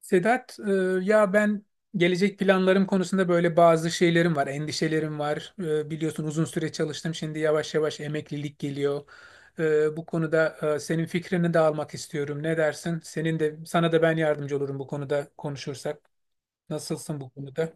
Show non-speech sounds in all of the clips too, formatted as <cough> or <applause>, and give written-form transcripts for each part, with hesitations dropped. Sedat, ya ben gelecek planlarım konusunda böyle bazı şeylerim var, endişelerim var. Biliyorsun uzun süre çalıştım, şimdi yavaş yavaş emeklilik geliyor. Bu konuda senin fikrini de almak istiyorum. Ne dersin? Senin de sana da ben yardımcı olurum bu konuda konuşursak. Nasılsın bu konuda?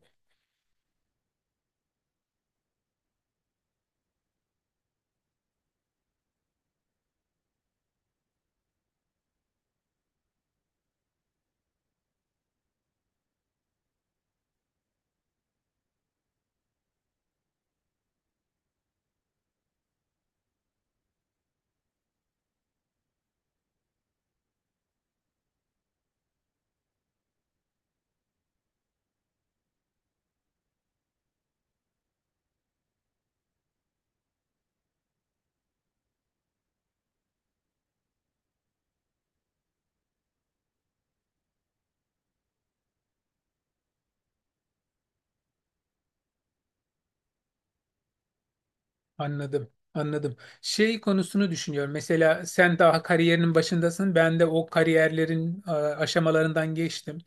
Anladım, anladım. Şey konusunu düşünüyorum. Mesela sen daha kariyerinin başındasın. Ben de o kariyerlerin aşamalarından geçtim.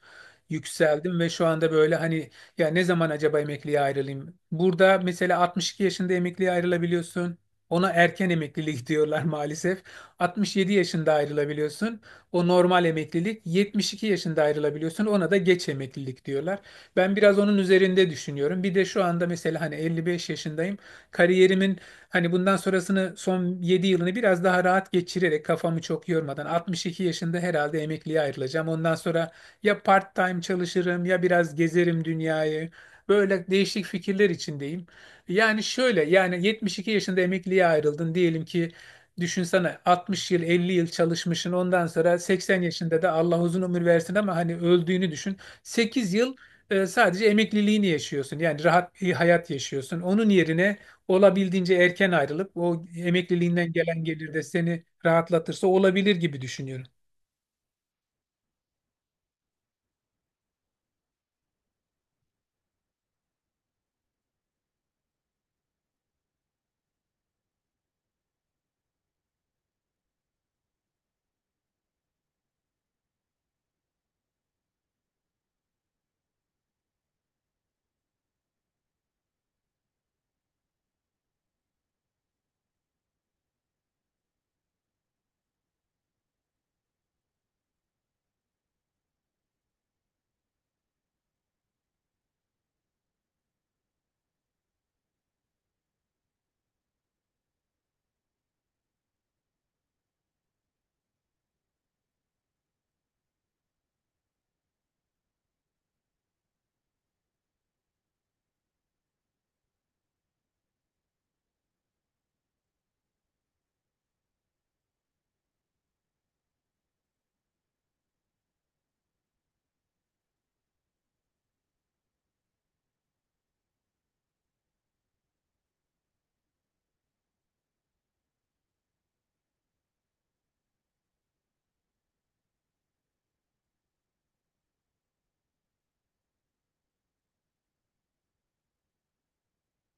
Yükseldim ve şu anda böyle, hani, ya ne zaman acaba emekliye ayrılayım? Burada mesela 62 yaşında emekliye ayrılabiliyorsun. Ona erken emeklilik <laughs> diyorlar maalesef. 67 yaşında ayrılabiliyorsun. O normal emeklilik. 72 yaşında ayrılabiliyorsun. Ona da geç emeklilik diyorlar. Ben biraz onun üzerinde düşünüyorum. Bir de şu anda mesela hani 55 yaşındayım. Kariyerimin Hani bundan sonrasını son 7 yılını biraz daha rahat geçirerek kafamı çok yormadan 62 yaşında herhalde emekliye ayrılacağım. Ondan sonra ya part-time çalışırım ya biraz gezerim dünyayı. Böyle değişik fikirler içindeyim. Yani şöyle, yani 72 yaşında emekliye ayrıldın diyelim ki, düşünsene 60 yıl, 50 yıl çalışmışsın, ondan sonra 80 yaşında da Allah uzun ömür versin ama hani öldüğünü düşün. 8 yıl sadece emekliliğini yaşıyorsun. Yani rahat bir hayat yaşıyorsun. Onun yerine olabildiğince erken ayrılıp o emekliliğinden gelen gelir de seni rahatlatırsa olabilir gibi düşünüyorum.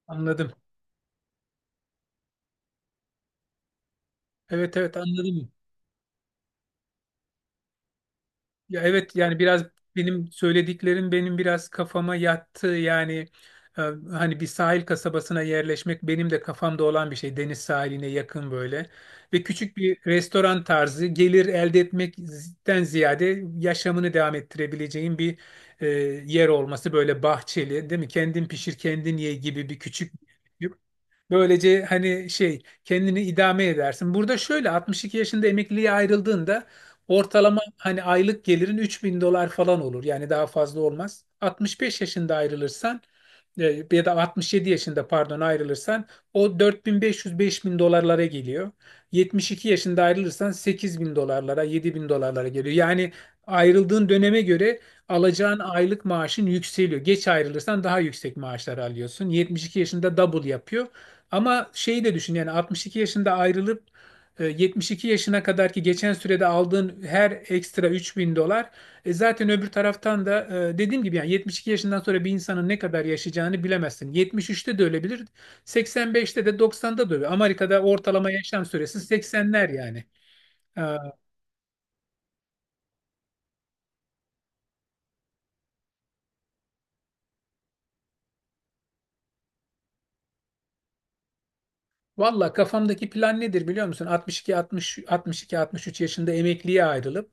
Anladım. Evet evet anladım. Ya evet, yani biraz benim söylediklerim benim biraz kafama yattı. Yani e, hani bir sahil kasabasına yerleşmek benim de kafamda olan bir şey. Deniz sahiline yakın böyle. Ve küçük bir restoran tarzı gelir elde etmekten ziyade yaşamını devam ettirebileceğin bir e, yer olması, böyle bahçeli, değil mi? Kendin pişir kendin ye gibi bir küçük. Böylece hani şey kendini idame edersin. Burada şöyle 62 yaşında emekliliğe ayrıldığında ortalama hani aylık gelirin 3.000 dolar falan olur. Yani daha fazla olmaz. 65 yaşında ayrılırsan ya da 67 yaşında, pardon, ayrılırsan o 4500-5000 dolarlara geliyor. 72 yaşında ayrılırsan 8000 dolarlara, 7000 dolarlara geliyor. Yani ayrıldığın döneme göre alacağın aylık maaşın yükseliyor. Geç ayrılırsan daha yüksek maaşlar alıyorsun. 72 yaşında double yapıyor. Ama şeyi de düşün, yani 62 yaşında ayrılıp 72 yaşına kadar ki geçen sürede aldığın her ekstra 3000 dolar zaten, öbür taraftan da dediğim gibi, yani 72 yaşından sonra bir insanın ne kadar yaşayacağını bilemezsin. 73'te de ölebilir, 85'te de 90'da da ölebilir. Amerika'da ortalama yaşam süresi 80'ler yani. E, Valla kafamdaki plan nedir biliyor musun? 62, 60, 62, 63 yaşında emekliye ayrılıp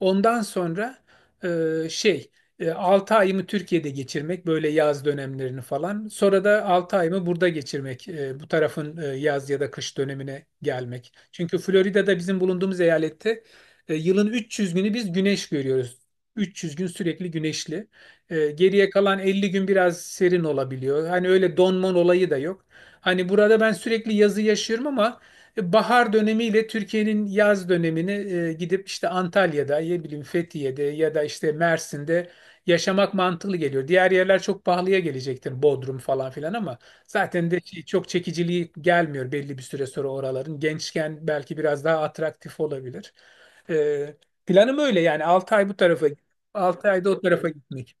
ondan sonra e, şey 6 ayımı Türkiye'de geçirmek, böyle yaz dönemlerini falan. Sonra da 6 ayımı burada geçirmek, bu tarafın yaz ya da kış dönemine gelmek. Çünkü Florida'da bizim bulunduğumuz eyalette yılın 300 günü biz güneş görüyoruz. 300 gün sürekli güneşli. Geriye kalan 50 gün biraz serin olabiliyor. Hani öyle donman olayı da yok. Hani burada ben sürekli yazı yaşıyorum ama bahar dönemiyle Türkiye'nin yaz dönemini gidip işte Antalya'da, ya bileyim, Fethiye'de ya da işte Mersin'de yaşamak mantıklı geliyor. Diğer yerler çok pahalıya gelecektir, Bodrum falan filan, ama zaten de şey, çok çekiciliği gelmiyor belli bir süre sonra oraların. Gençken belki biraz daha atraktif olabilir. E, Planım öyle yani, 6 ay bu tarafa, 6 ayda o tarafa gitmek.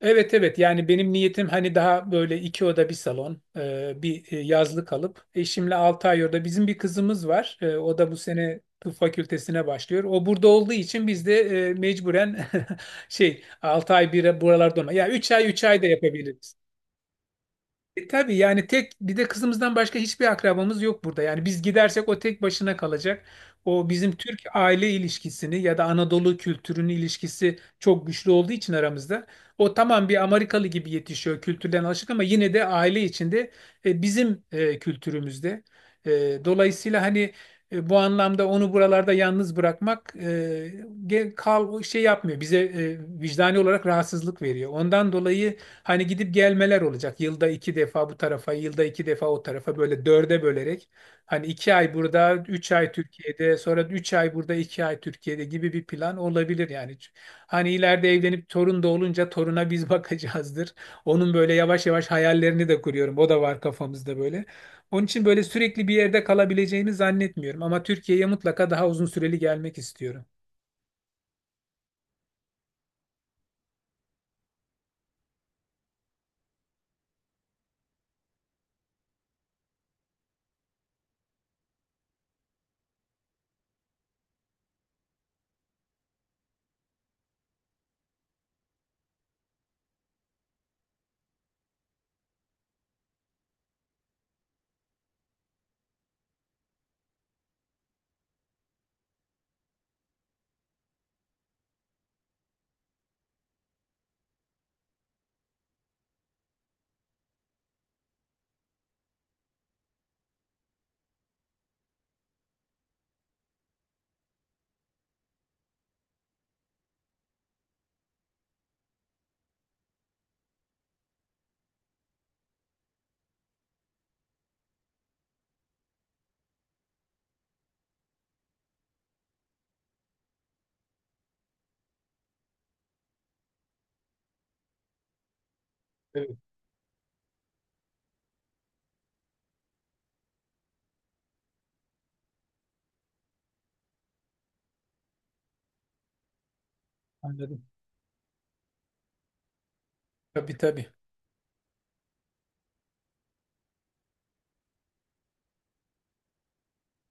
Evet evet, yani benim niyetim hani daha böyle iki oda bir salon bir yazlık alıp eşimle 6 ay orada, bizim bir kızımız var. O da bu sene tıp fakültesine başlıyor, o burada olduğu için biz de mecburen <laughs> şey 6 ay bir buralarda olma, ya üç ay 3 ay da yapabiliriz. Tabii, yani tek bir de kızımızdan başka hiçbir akrabamız yok burada. Yani biz gidersek o tek başına kalacak. O, bizim Türk aile ilişkisini ya da Anadolu kültürünün ilişkisi çok güçlü olduğu için aramızda. O, tamam, bir Amerikalı gibi yetişiyor, kültürden alışık, ama yine de aile içinde bizim kültürümüzde. E, Dolayısıyla hani bu anlamda onu buralarda yalnız bırakmak e, ge- kal şey yapmıyor. Bize vicdani olarak rahatsızlık veriyor. Ondan dolayı hani gidip gelmeler olacak. Yılda iki defa bu tarafa, yılda iki defa o tarafa, böyle dörde bölerek. Hani 2 ay burada, 3 ay Türkiye'de, sonra 3 ay burada, 2 ay Türkiye'de gibi bir plan olabilir yani. Hani ileride evlenip torun da olunca toruna biz <laughs> bakacağızdır. Onun böyle yavaş yavaş hayallerini de kuruyorum. O da var kafamızda böyle. Onun için böyle sürekli bir yerde kalabileceğimi zannetmiyorum. Ama Türkiye'ye mutlaka daha uzun süreli gelmek istiyorum. Evet, anladım. Tabii tabii.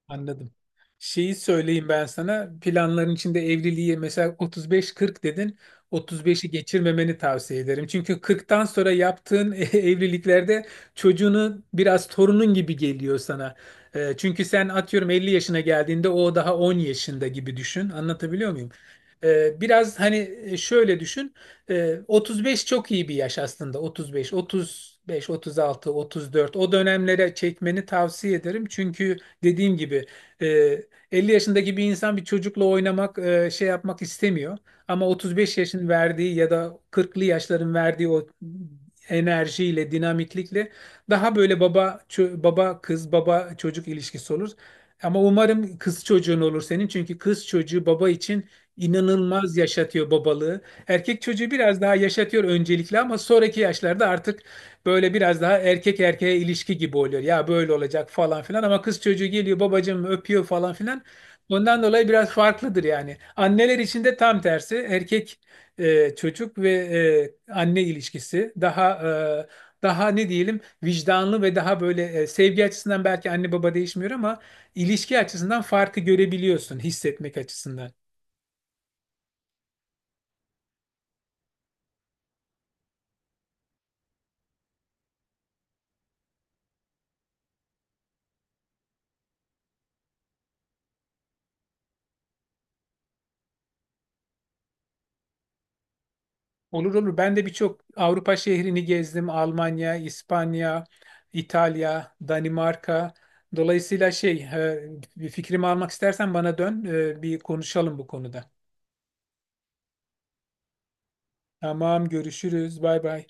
Anladım. Şeyi söyleyeyim ben sana. Planların içinde evliliği mesela 35-40 dedin. 35'i geçirmemeni tavsiye ederim. Çünkü 40'tan sonra yaptığın <laughs> evliliklerde çocuğunu biraz torunun gibi geliyor sana. Çünkü sen, atıyorum, 50 yaşına geldiğinde o daha 10 yaşında gibi düşün. Anlatabiliyor muyum? Biraz hani şöyle düşün. 35 çok iyi bir yaş aslında. 35, 35, 36, 34, o dönemlere çekmeni tavsiye ederim. Çünkü dediğim gibi e, 50 yaşındaki bir insan bir çocukla oynamak, şey yapmak istemiyor. Ama 35 yaşın verdiği ya da 40'lı yaşların verdiği o enerjiyle, dinamiklikle, daha böyle baba kız, baba çocuk ilişkisi olur. Ama umarım kız çocuğun olur senin, çünkü kız çocuğu baba için inanılmaz yaşatıyor babalığı. Erkek çocuğu biraz daha yaşatıyor öncelikle, ama sonraki yaşlarda artık böyle biraz daha erkek erkeğe ilişki gibi oluyor. Ya böyle olacak falan filan, ama kız çocuğu geliyor, babacığım, öpüyor falan filan. Ondan dolayı biraz farklıdır yani. Anneler için de tam tersi, erkek çocuk ve anne ilişkisi daha, ne diyelim, vicdanlı ve daha böyle, sevgi açısından belki anne baba değişmiyor ama ilişki açısından farkı görebiliyorsun, hissetmek açısından. Olur olur. Ben de birçok Avrupa şehrini gezdim. Almanya, İspanya, İtalya, Danimarka. Dolayısıyla şey, bir fikrimi almak istersen bana dön, bir konuşalım bu konuda. Tamam, görüşürüz. Bay bay.